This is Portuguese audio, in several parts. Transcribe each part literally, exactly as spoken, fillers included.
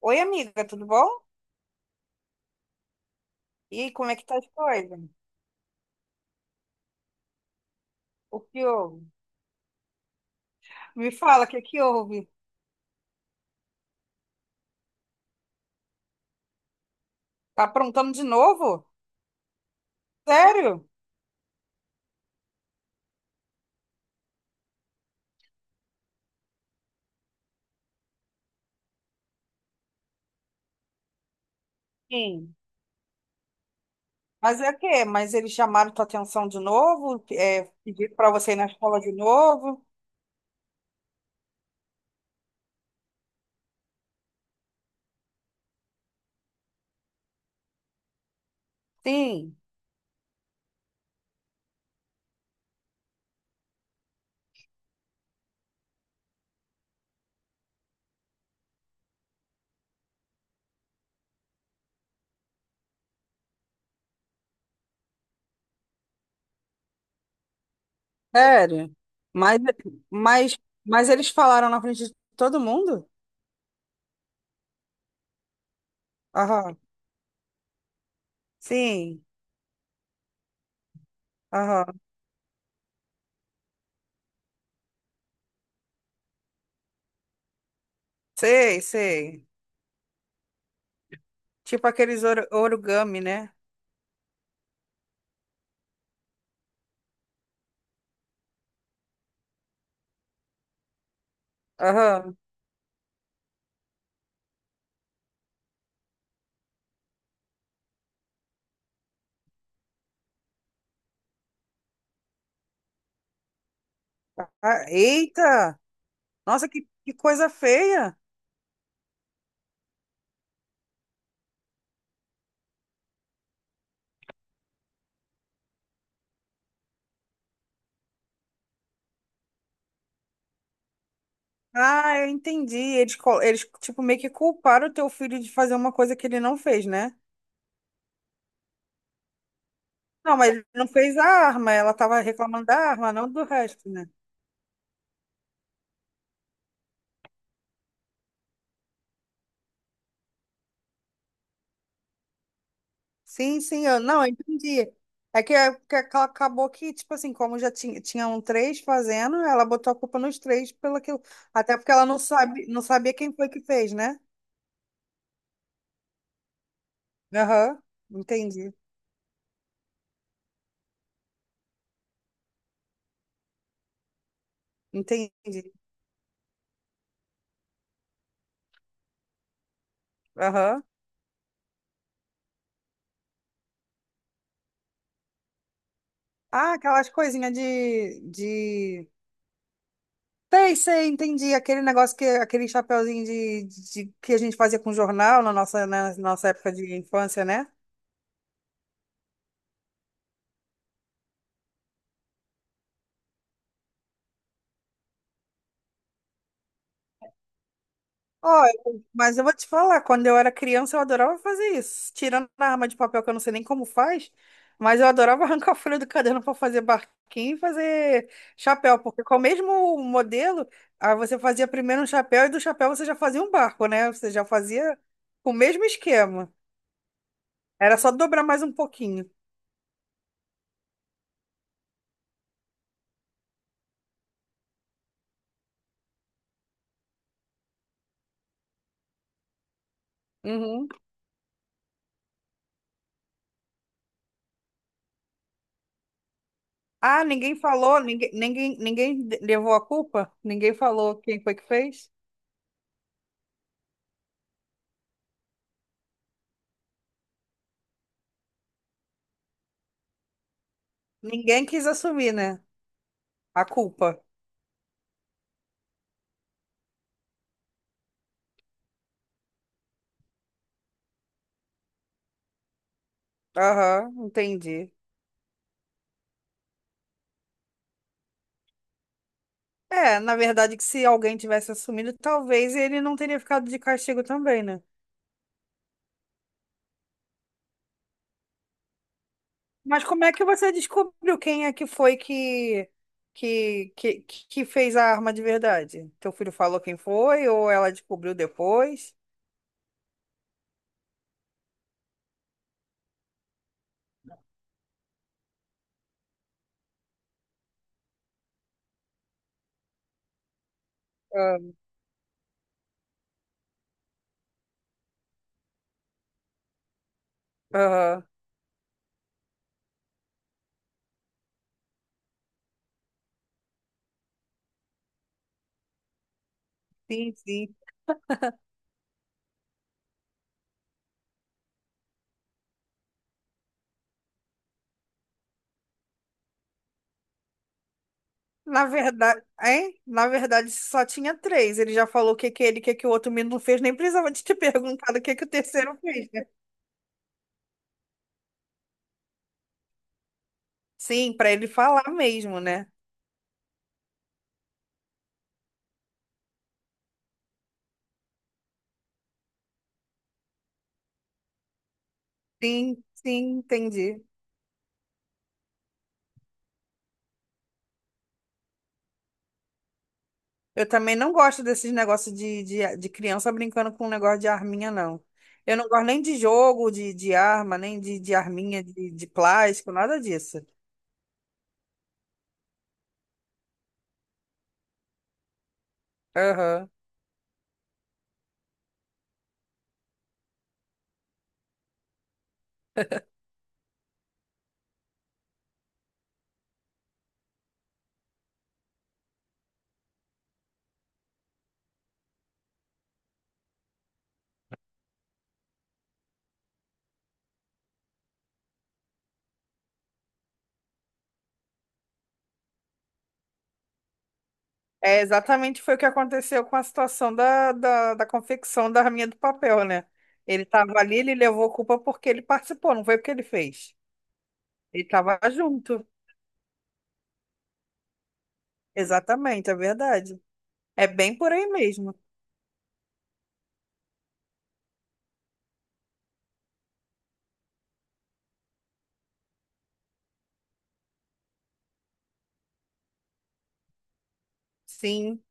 Oi, amiga, tudo bom? E aí, como é que tá as coisas? O que houve? Me fala, o que que houve? Tá aprontando de novo? Sério? Sim. Mas é o quê? Mas eles chamaram tua atenção de novo? É, pediram pra você ir na escola de novo? Sim. Sério? Mas, mas, mas eles falaram na frente de todo mundo? Aham. Sim. Aham. Sei, sei. Tipo aqueles or- origami, né? Aham. Ah, eita! Nossa, que, que coisa feia! Ah, eu entendi. Eles, co- eles, tipo, meio que culparam o teu filho de fazer uma coisa que ele não fez, né? Não, mas ele não fez a arma. Ela tava reclamando da arma, não do resto, né? Sim, sim, eu não, eu entendi. É que, é que ac- acabou que, tipo assim, como já tinha, tinham três fazendo, ela botou a culpa nos três pelo aquilo. Até porque ela não sabe, não sabia quem foi que fez, né? Aham, entendi. Entendi. Aham. Ah, aquelas coisinhas de, de... Sei, sei, entendi. Aquele negócio que, aquele chapeuzinho de, de- de- que a gente fazia com jornal na nossa, na nossa época de infância, né? Olha, mas eu vou te falar, quando eu era criança eu adorava fazer isso. Tirando a arma de papel que eu não sei nem como faz, mas eu adorava arrancar a folha do caderno para fazer barquinho e fazer chapéu, porque com o mesmo modelo, aí você fazia primeiro um chapéu e do chapéu você já fazia um barco, né? Você já fazia com o mesmo esquema. Era só dobrar mais um pouquinho. Uhum. Ah, ninguém falou, ninguém, ninguém, ninguém de- levou a culpa? Ninguém falou quem foi que fez? Ninguém quis assumir, né? A culpa. Aham, entendi. É, na verdade, que se alguém tivesse assumido, talvez ele não teria ficado de castigo também, né? Mas como é que você descobriu quem é que foi que, que, que, que fez a arma de verdade? Teu filho falou quem foi ou ela descobriu depois? Ah, aham, sim, sim. Na verdade, hein? Na verdade, só tinha três. Ele já falou o que que é ele, o que que o outro menino fez, nem precisava de ter perguntado o que que o terceiro fez, né? Sim, para ele falar mesmo, né? Sim, sim, entendi. Eu também não gosto desses negócios de, de, de criança brincando com um negócio de arminha, não. Eu não gosto nem de jogo, de, de arma, nem de, de arminha, de, de plástico, nada disso. Aham. É, exatamente foi o que aconteceu com a situação da, da, da confecção da Rainha do Papel, né? Ele estava ali, ele levou culpa porque ele participou, não foi porque ele fez. Ele estava junto. Exatamente, é verdade. É bem por aí mesmo. Sim.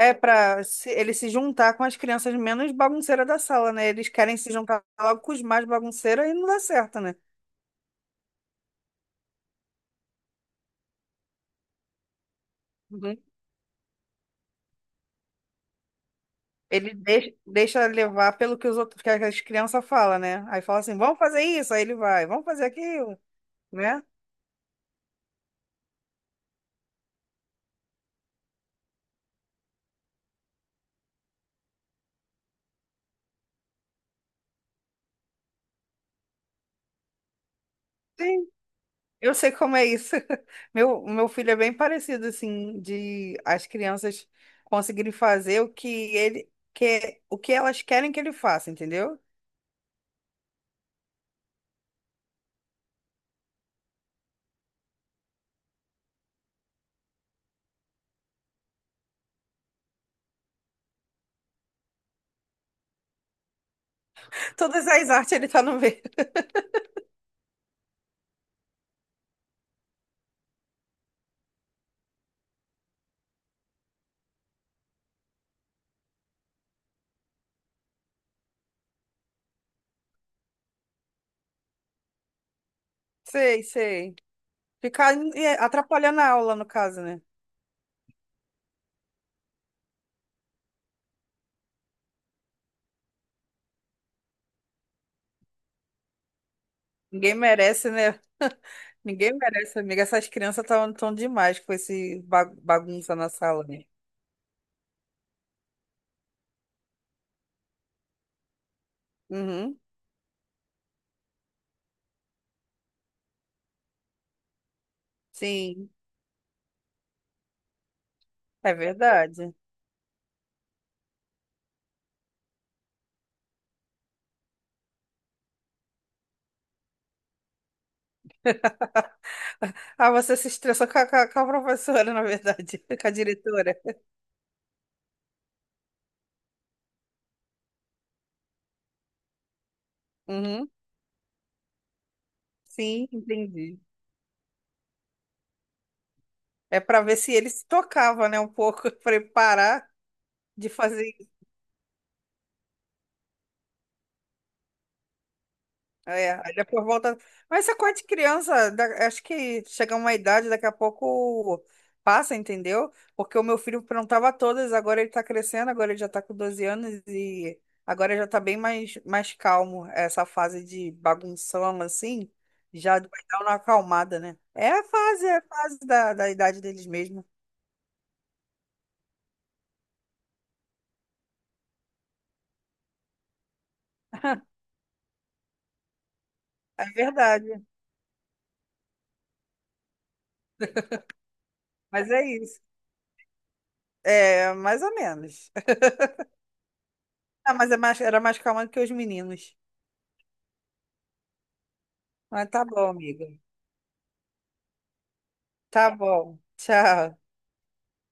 É para ele se juntar com as crianças menos bagunceiras da sala, né? Eles querem se juntar logo com os mais bagunceiros e não dá certo, né? Uhum. Ele deix- deixa, levar pelo que os outros, que as crianças falam, né? Aí fala assim, vamos fazer isso, aí ele vai, vamos fazer aquilo, né? Eu sei como é isso. Meu, meu filho é bem parecido, assim, de as crianças conseguirem fazer o que ele quer, o que elas querem que ele faça, entendeu? Todas as artes ele tá no meio. Sei, sei. Ficar em- atrapalhando a aula, no caso, né? Ninguém merece, né? Ninguém merece, amiga. Essas crianças estão demais com esse ba- bagunça na sala, né? Uhum, sim, é verdade. Ah, você se estressou com a, com a- com a professora, na verdade, com a diretora. Uhum, sim, entendi. É para ver se ele se tocava, né, um pouco, preparar de fazer. É, aí depois volta. Mas essa coisa de criança, da- acho que chega uma idade, daqui a pouco passa, entendeu? Porque o meu filho perguntava todas, agora ele tá crescendo, agora ele já tá com doze anos e agora já tá bem mais, mais calmo. Essa fase de bagunção, assim, já vai dar uma acalmada, né? É a fase, é a fase da, da idade deles mesmo. É verdade. Mas é isso. É, mais ou menos. Ah, mas é mais, era mais calma do que os meninos. Mas tá bom, amiga. Tá bom. Tchau.